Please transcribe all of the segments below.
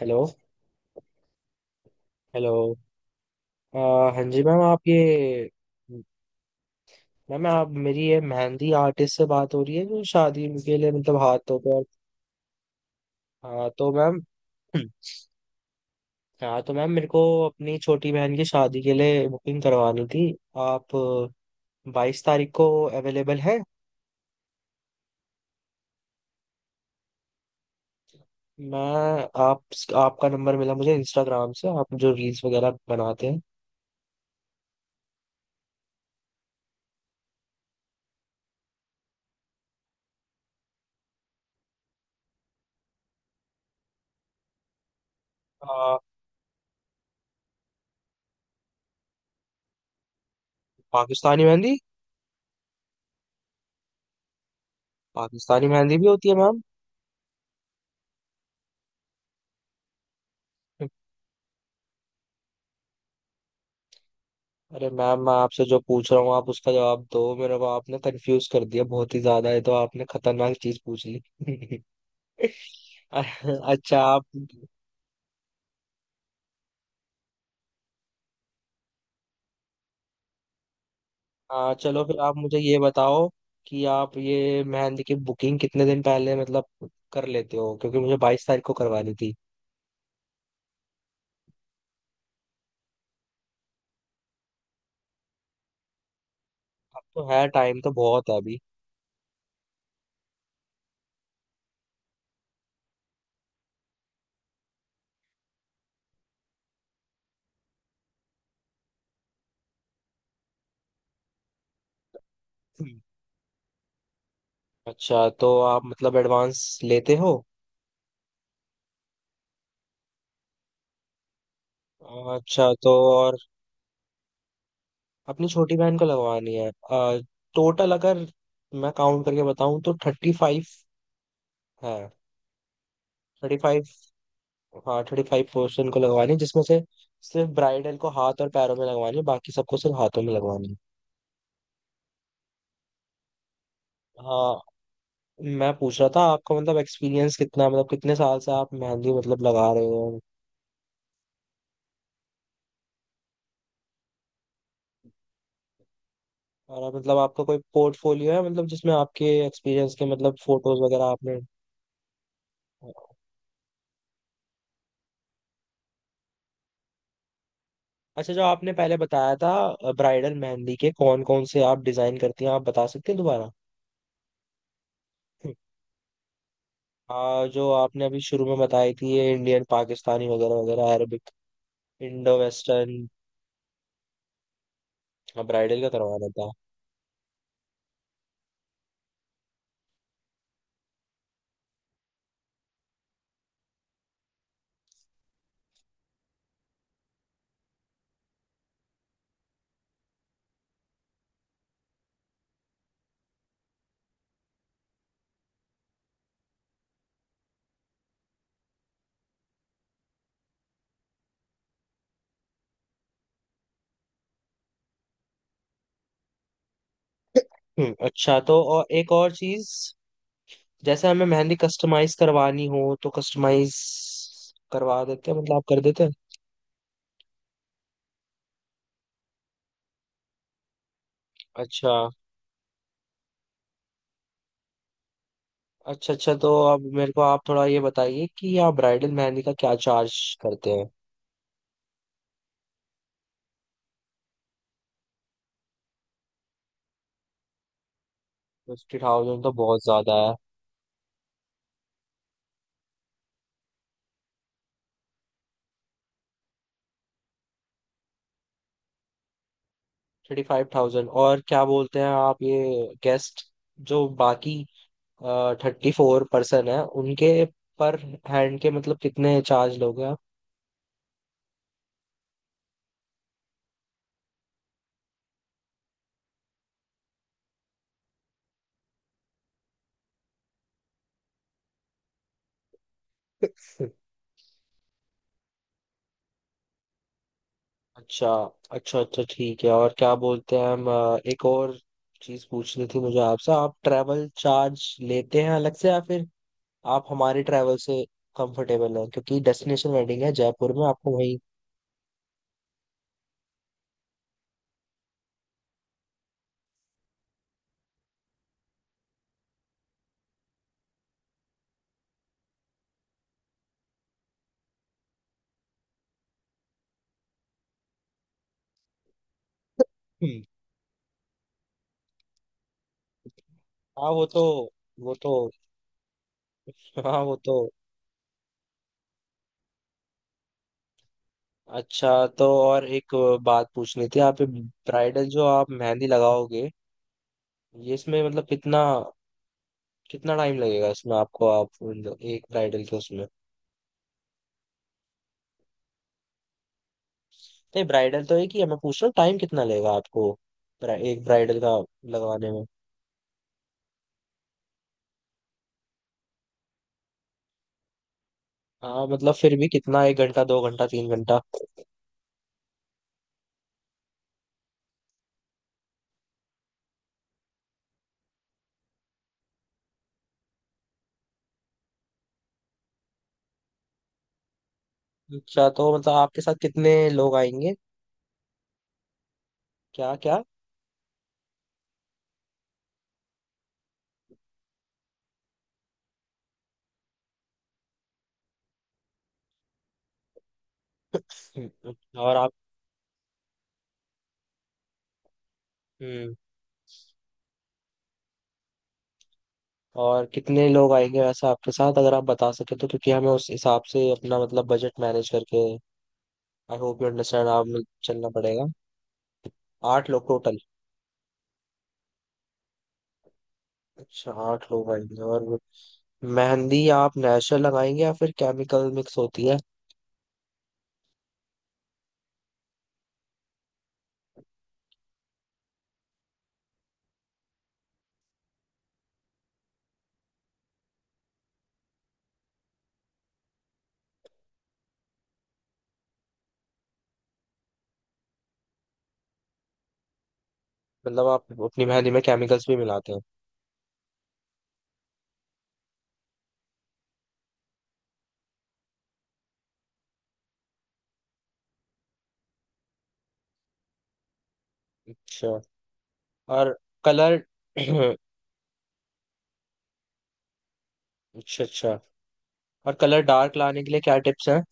Hello. Hello. अ, हाँ जी मैम, आप ये... मैम, आप मेरी ये मेहंदी आर्टिस्ट से बात हो रही है जो शादी के लिए, मतलब हाथों पर। हाँ तो मैम हाँ तो मैम, मेरे को अपनी छोटी बहन की शादी के लिए बुकिंग करवानी थी। आप 22 तारीख को अवेलेबल है? मैं आप आपका नंबर मिला मुझे इंस्टाग्राम से, आप जो रील्स वगैरह बनाते हैं। अ, पाकिस्तानी मेहंदी। पाकिस्तानी मेहंदी भी होती है मैम? अरे मैम, मैं आपसे जो पूछ रहा हूँ आप उसका जवाब दो। मेरे को आपने कंफ्यूज कर दिया, बहुत ही ज्यादा है तो आपने खतरनाक चीज पूछ ली। अच्छा। आप... हाँ चलो, फिर आप मुझे ये बताओ कि आप ये मेहंदी की बुकिंग कितने दिन पहले, मतलब, कर लेते हो, क्योंकि मुझे 22 तारीख को करवानी थी। अब तो है, टाइम तो बहुत है अभी। हम्म। अच्छा, तो आप मतलब एडवांस लेते हो? अच्छा, तो और... अपनी छोटी बहन को लगवानी है। टोटल अगर मैं काउंट करके बताऊं तो 35। हाँ। 35। हाँ, थर्टी फाइव पोर्शन को लगवानी है, जिसमें से सिर्फ ब्राइडल को हाथ और पैरों में लगवानी है, बाकी सबको सिर्फ हाथों में लगवानी है। हाँ, मैं पूछ रहा था, आपका मतलब एक्सपीरियंस कितना है? मतलब कितने साल से आप मेहंदी मतलब लगा रहे हो? मतलब आपका कोई पोर्टफोलियो है, मतलब जिसमें आपके एक्सपीरियंस के मतलब फोटोज वगैरह आपने... अच्छा, जो आपने पहले बताया था ब्राइडल मेहंदी के कौन कौन से आप डिजाइन करती हैं, आप बता सकते हैं दोबारा? जो आपने अभी शुरू में बताई थी, ये इंडियन, पाकिस्तानी वगैरह वगैरह, अरबिक, इंडो वेस्टर्न। हाँ, ब्राइडल का करवाना था। हम्म। अच्छा तो और एक और चीज, जैसे हमें मेहंदी कस्टमाइज करवानी हो तो कस्टमाइज करवा देते हैं, मतलब आप कर देते हैं? अच्छा। अच्छा। अच्छा तो अब मेरे को आप थोड़ा ये बताइए कि आप ब्राइडल मेहंदी का क्या चार्ज करते हैं? 50,000 तो बहुत ज्यादा है। 35,000? और क्या बोलते हैं आप, ये गेस्ट, जो बाकी 34 पर्सन है उनके पर हैंड के मतलब कितने चार्ज लोगे? आप... अच्छा। अच्छा। अच्छा ठीक है। और क्या बोलते हैं हम, एक और चीज पूछनी थी मुझे आपसे, आप ट्रैवल चार्ज लेते हैं अलग से, या फिर आप हमारे ट्रैवल से कंफर्टेबल हैं? क्योंकि डेस्टिनेशन वेडिंग है, जयपुर में, आपको वही... हम्म, हाँ वो तो... वो तो... हाँ वो तो... अच्छा तो और एक बात पूछनी थी, आप ब्राइडल जो आप मेहंदी लगाओगे ये इसमें मतलब कितना... कितना टाइम लगेगा इसमें आपको? आप एक ब्राइडल के उसमें... नहीं, ब्राइडल तो एक ही है, मैं पूछ रहा हूँ टाइम कितना लेगा आपको एक ब्राइडल का लगवाने में? हाँ, मतलब फिर भी कितना, एक घंटा, दो घंटा, तीन घंटा? अच्छा तो मतलब आपके साथ कितने लोग आएंगे, क्या क्या? हम्म, और आप... हम्म, और कितने लोग आएंगे वैसे आपके साथ, अगर आप बता सके तो, क्योंकि हमें उस हिसाब से अपना मतलब बजट मैनेज करके... आई होप यू अंडरस्टैंड। आप... चलना पड़ेगा। आठ लोग टोटल? अच्छा, आठ लोग आएंगे। और मेहंदी आप नेचुरल लगाएंगे या फिर केमिकल मिक्स होती है? मतलब आप अपनी मेहंदी में केमिकल्स भी मिलाते हैं? अच्छा। और कलर... अच्छा अच्छा, और कलर डार्क लाने के लिए क्या टिप्स हैं?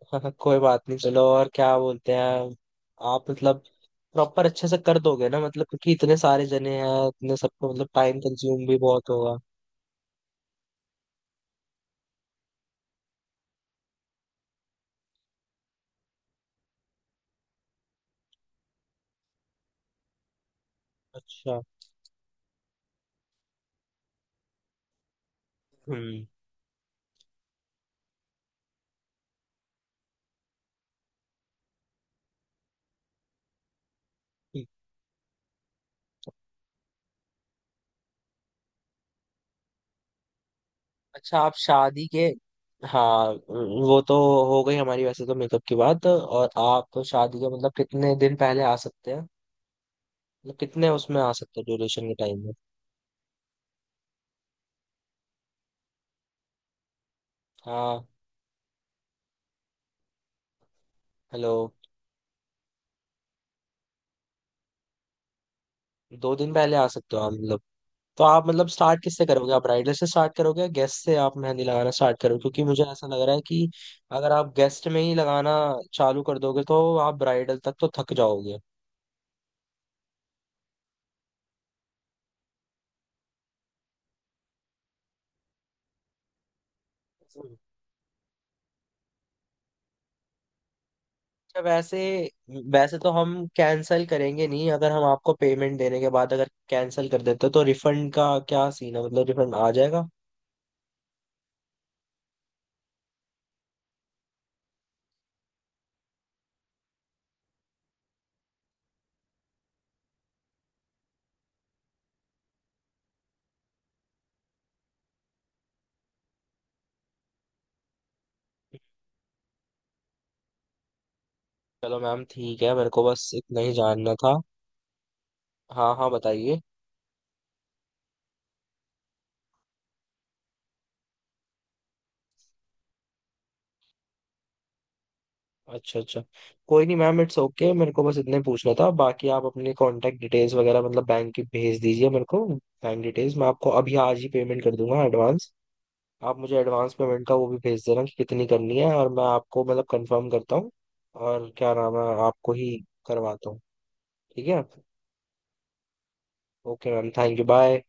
कोई बात नहीं, चलो। और क्या बोलते हैं आप, मतलब प्रॉपर अच्छे से कर दोगे ना? मतलब क्योंकि इतने सारे जने हैं, इतने सबको मतलब टाइम कंज्यूम भी बहुत होगा। अच्छा। हम्म। ठीक। अच्छा, आप शादी के... हाँ वो तो हो गई हमारी वैसे तो मेकअप की बात। और आप शादी के मतलब कितने दिन पहले आ सकते हैं? मतलब कितने उसमें आ सकते हैं, ड्यूरेशन के टाइम? हाँ। हेलो। 2 दिन पहले आ सकते हो आप, मतलब? तो आप मतलब स्टार्ट किससे करोगे, आप राइडर से स्टार्ट करोगे या गेस्ट से आप मेहंदी लगाना स्टार्ट करोगे? क्योंकि मुझे ऐसा लग रहा है कि अगर आप गेस्ट में ही लगाना चालू कर दोगे तो आप ब्राइडल तक तो थक जाओगे। अच्छा, वैसे... वैसे तो हम कैंसिल करेंगे नहीं, अगर हम आपको पेमेंट देने के बाद अगर कैंसिल कर देते तो रिफंड का क्या सीन है, मतलब रिफंड आ जाएगा? चलो मैम, ठीक है, मेरे को बस इतना ही जानना था। हाँ हाँ, बताइए। अच्छा अच्छा। कोई नहीं मैम, इट्स ओके, मेरे को बस इतने पूछना था। बाकी आप अपने कांटेक्ट डिटेल्स वगैरह मतलब बैंक की भेज दीजिए मेरे को, बैंक डिटेल्स, मैं आपको अभी आज ही पेमेंट कर दूंगा एडवांस। आप मुझे एडवांस पेमेंट का वो भी भेज देना कि कितनी करनी है, और मैं आपको मतलब कंफर्म करता हूँ। और क्या नाम है, आपको ही करवाता हूँ? ठीक है। Okay ma'am, thank you, bye.